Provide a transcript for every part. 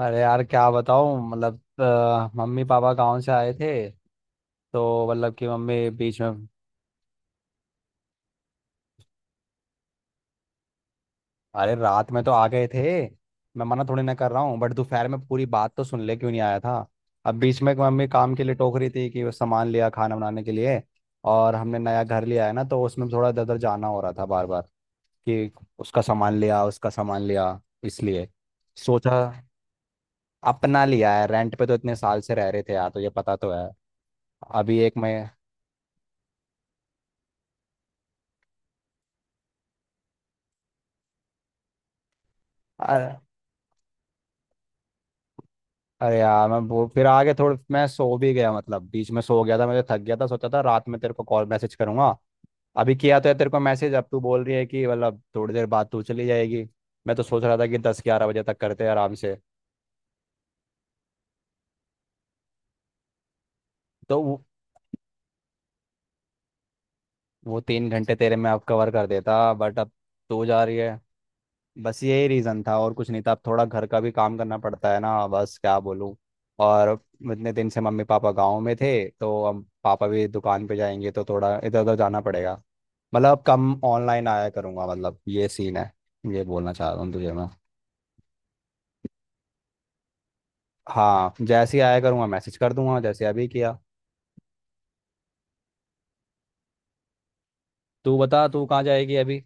अरे यार क्या बताऊं। मतलब मम्मी पापा गांव से आए थे, तो मतलब कि मम्मी बीच में। अरे रात में तो आ गए थे। मैं मना थोड़ी ना कर रहा हूँ, बट दोपहर में पूरी बात तो सुन ले क्यों नहीं आया था। अब बीच में एक मम्मी काम के लिए टोक रही थी कि वो सामान लिया खाना बनाने के लिए, और हमने नया घर लिया है ना, तो उसमें थोड़ा इधर उधर जाना हो रहा था बार बार कि उसका सामान लिया उसका सामान लिया, इसलिए सोचा। अपना लिया है, रेंट पे तो इतने साल से रह रहे थे यार, तो ये पता तो है। अभी एक, मैं अरे यार मैं वो फिर आगे थोड़ा मैं सो भी गया, मतलब बीच में सो गया था मैं, तो थक गया था, सोचा था रात में तेरे को कॉल मैसेज करूंगा। अभी किया तो है तेरे को मैसेज, अब तू बोल रही है कि मतलब थोड़ी देर बाद तू चली जाएगी। मैं तो सोच रहा था कि 10 11 बजे तक करते हैं आराम से, तो वो तीन घंटे तेरे में अब कवर कर देता, बट अब तू जा रही है। बस यही रीज़न था, और कुछ नहीं था। अब थोड़ा घर का भी काम करना पड़ता है ना, बस क्या बोलूँ। और इतने दिन से मम्मी पापा गाँव में थे, तो अब पापा भी दुकान पे जाएंगे, तो थोड़ा इधर उधर जाना पड़ेगा। मतलब अब कम ऑनलाइन आया करूंगा, मतलब ये सीन है। ये बोलना चाह रहा हूँ तुझे मैं। हाँ, जैसे ही आया करूंगा मैसेज कर दूंगा, जैसे अभी किया। तू बता, तू कहाँ जाएगी अभी।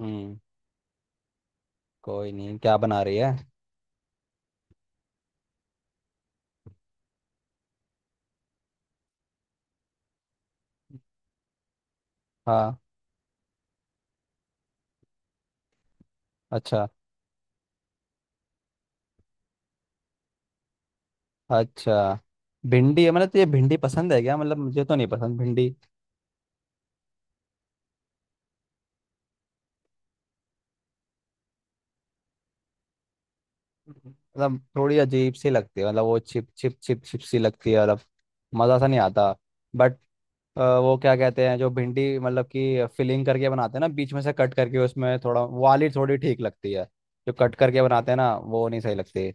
हम्म। कोई नहीं, क्या बना रही है। हाँ। अच्छा। अच्छा भिंडी है। मतलब तुझे भिंडी पसंद है क्या? मतलब मुझे तो नहीं पसंद भिंडी। मतलब थोड़ी अजीब सी लगती है, मतलब वो छिप छिप छिप छिप सी लगती है, मतलब मज़ा सा नहीं आता। बट वो क्या कहते हैं जो भिंडी मतलब कि फिलिंग करके बनाते हैं ना, बीच में से कट करके उसमें थोड़ा वाली थोड़ी ठीक लगती है। जो कट करके बनाते हैं ना, वो नहीं सही लगती।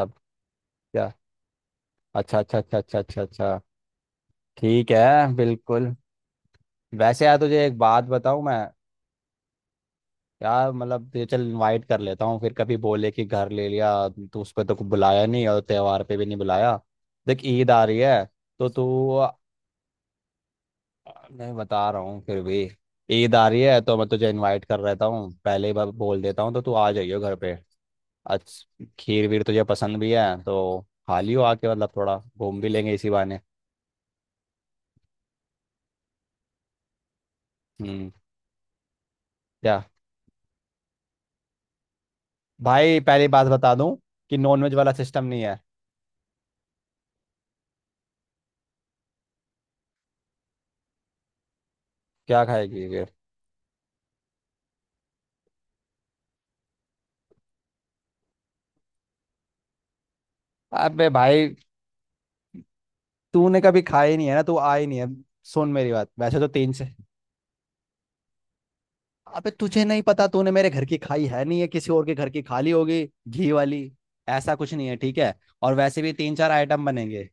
सब क्या? अच्छा अच्छा अच्छा अच्छा अच्छा अच्छा। ठीक है। बिल्कुल। वैसे यार तुझे एक बात बताऊं मैं। यार मतलब तुझे चल इनवाइट कर लेता हूँ, फिर कभी बोले कि घर ले लिया तो उस पर तो बुलाया नहीं, और त्योहार पे भी नहीं बुलाया। देख ईद आ रही है, तो तू। मैं बता रहा हूँ फिर भी। ईद आ रही है, तो मैं तुझे इनवाइट कर रहता हूँ, पहले ही बोल देता हूँ, तो तू आ जाइयो घर पे आज। खीर वीर तुझे पसंद भी है तो, खा लियो आके, मतलब थोड़ा घूम भी लेंगे इसी बहाने। हम्म। क्या? भाई पहली बात बता दूं कि नॉनवेज वाला सिस्टम नहीं है। क्या खाएगी फिर? अबे भाई तूने कभी खाया ही नहीं है ना, तू आई नहीं है। सुन मेरी बात, वैसे तो तीन से, अबे तुझे नहीं पता तूने मेरे घर की खाई है नहीं है, किसी और के घर की खा ली होगी घी वाली। ऐसा कुछ नहीं है ठीक है, और वैसे भी तीन चार आइटम बनेंगे।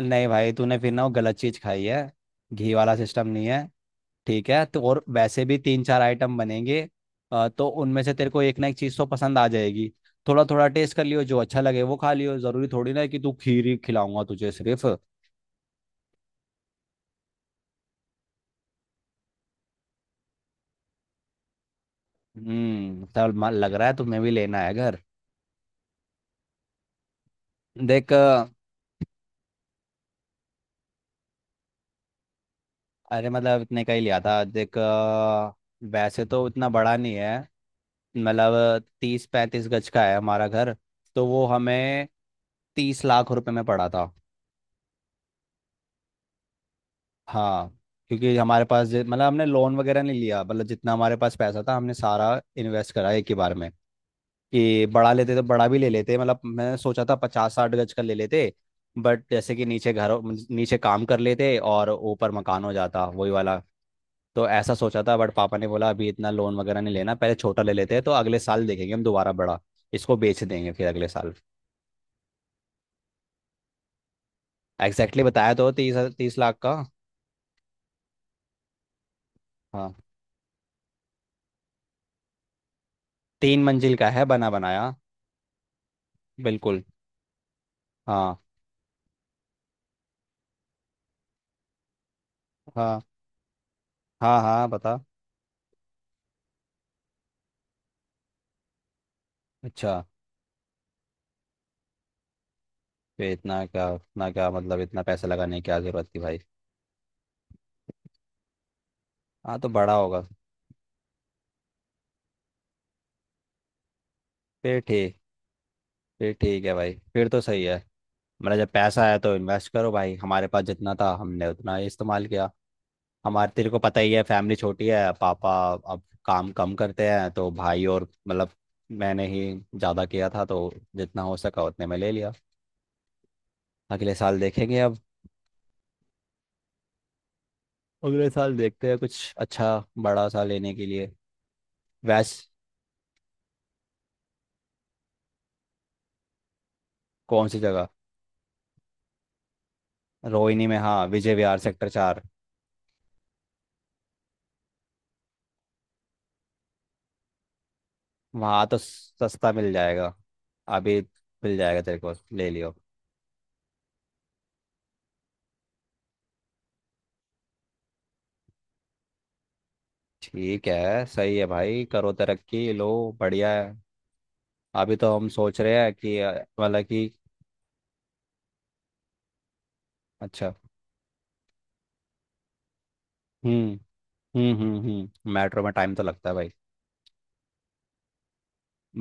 नहीं भाई, तूने फिर ना वो गलत चीज खाई है। घी वाला सिस्टम नहीं है। ठीक है तो, और वैसे भी तीन चार आइटम बनेंगे, तो उनमें से तेरे को एक ना एक चीज तो पसंद आ जाएगी। थोड़ा थोड़ा टेस्ट कर लियो, जो अच्छा लगे वो खा लियो। जरूरी थोड़ी ना है कि तू खीर ही खिलाऊंगा तुझे सिर्फ। तब मन लग रहा है तुम्हें भी लेना है घर। देख अरे, मतलब इतने का ही लिया था। देख वैसे तो इतना बड़ा नहीं है। मतलब 30 35 गज का है हमारा घर। तो वो हमें 30 लाख रुपए में पड़ा था। हाँ, क्योंकि हमारे पास मतलब हमने लोन वगैरह नहीं लिया, मतलब जितना हमारे पास पैसा था हमने सारा इन्वेस्ट करा एक ही बार में। कि बड़ा लेते तो बड़ा भी ले लेते, मतलब मैंने सोचा था 50 60 गज का ले लेते, बट जैसे कि नीचे घर, नीचे काम कर लेते और ऊपर मकान हो जाता वही वाला। तो ऐसा सोचा था, बट पापा ने बोला अभी इतना लोन वगैरह नहीं लेना, पहले छोटा ले लेते हैं, तो अगले साल देखेंगे हम दोबारा बड़ा, इसको बेच देंगे फिर अगले साल। एग्जैक्टली बताया तो, 30 30 लाख का। हाँ। तीन मंजिल का है बना बनाया। बिल्कुल। हाँ, हाँ, हाँ, हाँ बता। अच्छा। फिर इतना क्या इतना क्या, मतलब इतना पैसा लगाने की क्या जरूरत थी भाई। हाँ तो बड़ा होगा। फिर ठीक, फिर ठीक है भाई, फिर तो सही है। मेरा जब पैसा आया तो इन्वेस्ट करो भाई, हमारे पास जितना था हमने उतना ही इस्तेमाल किया। हमारे तेरे को पता ही है फैमिली छोटी है, पापा अब काम कम करते हैं, तो भाई और मतलब मैंने ही ज़्यादा किया था, तो जितना हो सका उतने में ले लिया। अगले साल देखेंगे अब, अगले साल देखते हैं कुछ अच्छा बड़ा सा लेने के लिए। वैस कौन सी जगह? रोहिणी में, हाँ विजय विहार सेक्टर 4। वहाँ तो सस्ता मिल जाएगा अभी, मिल जाएगा तेरे को, ले लियो। ठीक है, सही है भाई, करो तरक्की लो, बढ़िया है। अभी तो हम सोच रहे हैं कि मतलब कि अच्छा। हम्म हम्म, मेट्रो में टाइम तो लगता है भाई।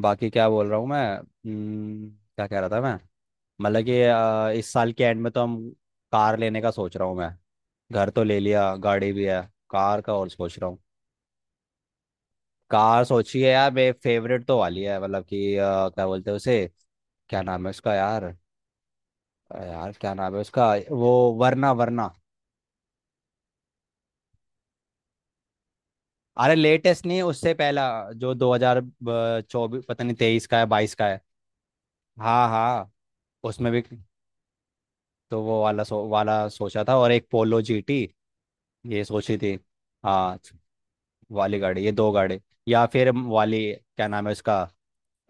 बाकी क्या बोल रहा हूँ मैं? क्या कह रहा था मैं? मतलब कि इस साल के एंड में तो हम कार लेने का सोच रहा हूँ मैं। घर तो ले लिया, गाड़ी भी है, कार का और सोच रहा हूँ। कार सोची है यार, मेरे फेवरेट तो वाली है, मतलब कि क्या बोलते हैं उसे? क्या नाम है उसका यार? यार क्या नाम है उसका वो, वरना वरना। अरे लेटेस्ट नहीं उससे पहला, जो 2024, पता नहीं 23 का है 22 का है। हाँ हाँ। उसमें भी तो वो वाला वाला सोचा था, और एक पोलो जीटी, ये सोची थी। हाँ, वाली गाड़ी, ये दो गाड़ी, या फिर वाली क्या नाम है उसका?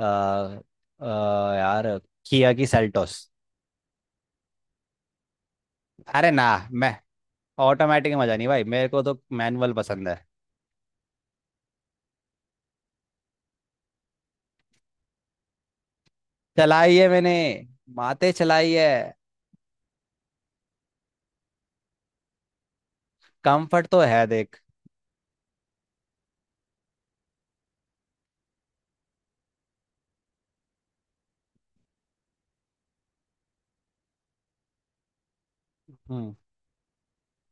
आ, आ, यार, किया की सेल्टोस। अरे ना, मैं ऑटोमेटिक मजा नहीं भाई, मेरे को तो मैनुअल पसंद है। चलाई है मैंने, माते चलाई है। कंफर्ट तो है देख। हम्म।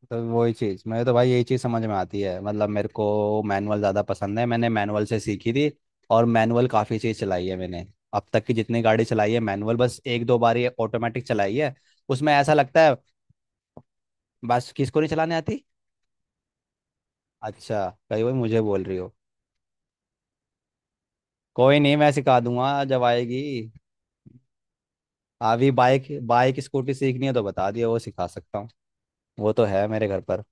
तो वही चीज़ मैं तो भाई, यही चीज़ समझ में आती है, मतलब मेरे को मैनुअल ज़्यादा पसंद है, मैंने मैनुअल से सीखी थी। और मैनुअल काफ़ी चीज़ चलाई है मैंने। अब तक की जितनी गाड़ी चलाई है मैनुअल, बस एक दो बार ये ऑटोमेटिक चलाई है, उसमें ऐसा लगता है। बस किसको नहीं चलाने आती? अच्छा, कही वही मुझे बोल रही हो? कोई नहीं, मैं सिखा दूंगा जब आएगी। अभी बाइक बाइक स्कूटी सीखनी है तो बता दियो, वो सिखा सकता हूँ, वो तो है मेरे घर पर।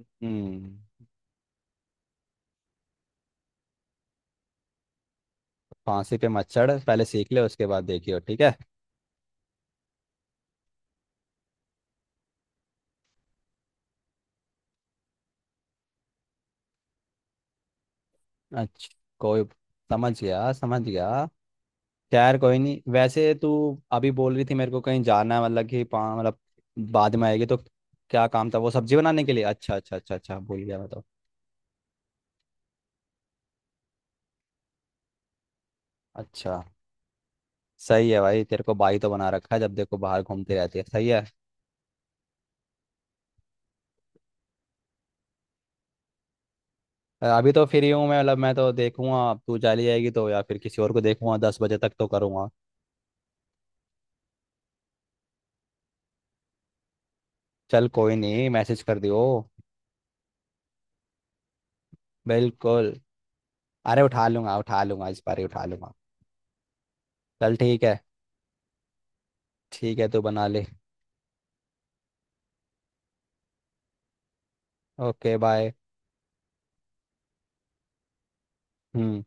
हम्म फांसी पे मच्छर पहले सीख ले उसके बाद देखियो ठीक है। अच्छा, कोई, समझ गया समझ गया। खैर कोई नहीं, वैसे तू अभी बोल रही थी मेरे को कहीं जाना है, मतलब कि मतलब बाद में आएगी तो। क्या काम था? वो सब्जी बनाने के लिए, अच्छा अच्छा अच्छा अच्छा, भूल गया मैं तो। अच्छा, सही है भाई, तेरे को बाई तो बना रखा है, जब देखो बाहर घूमती रहती है, सही है। अभी तो फ्री हूँ मैं, मतलब मैं तो देखूंगा अब तू चली जाएगी तो, या फिर किसी और को देखूंगा, 10 बजे तक तो करूंगा। चल कोई नहीं मैसेज कर दियो। बिल्कुल। अरे उठा लूंगा उठा लूंगा, इस बार ही उठा लूंगा। चल ठीक है, ठीक है तू बना ले। Okay bye. हम्म।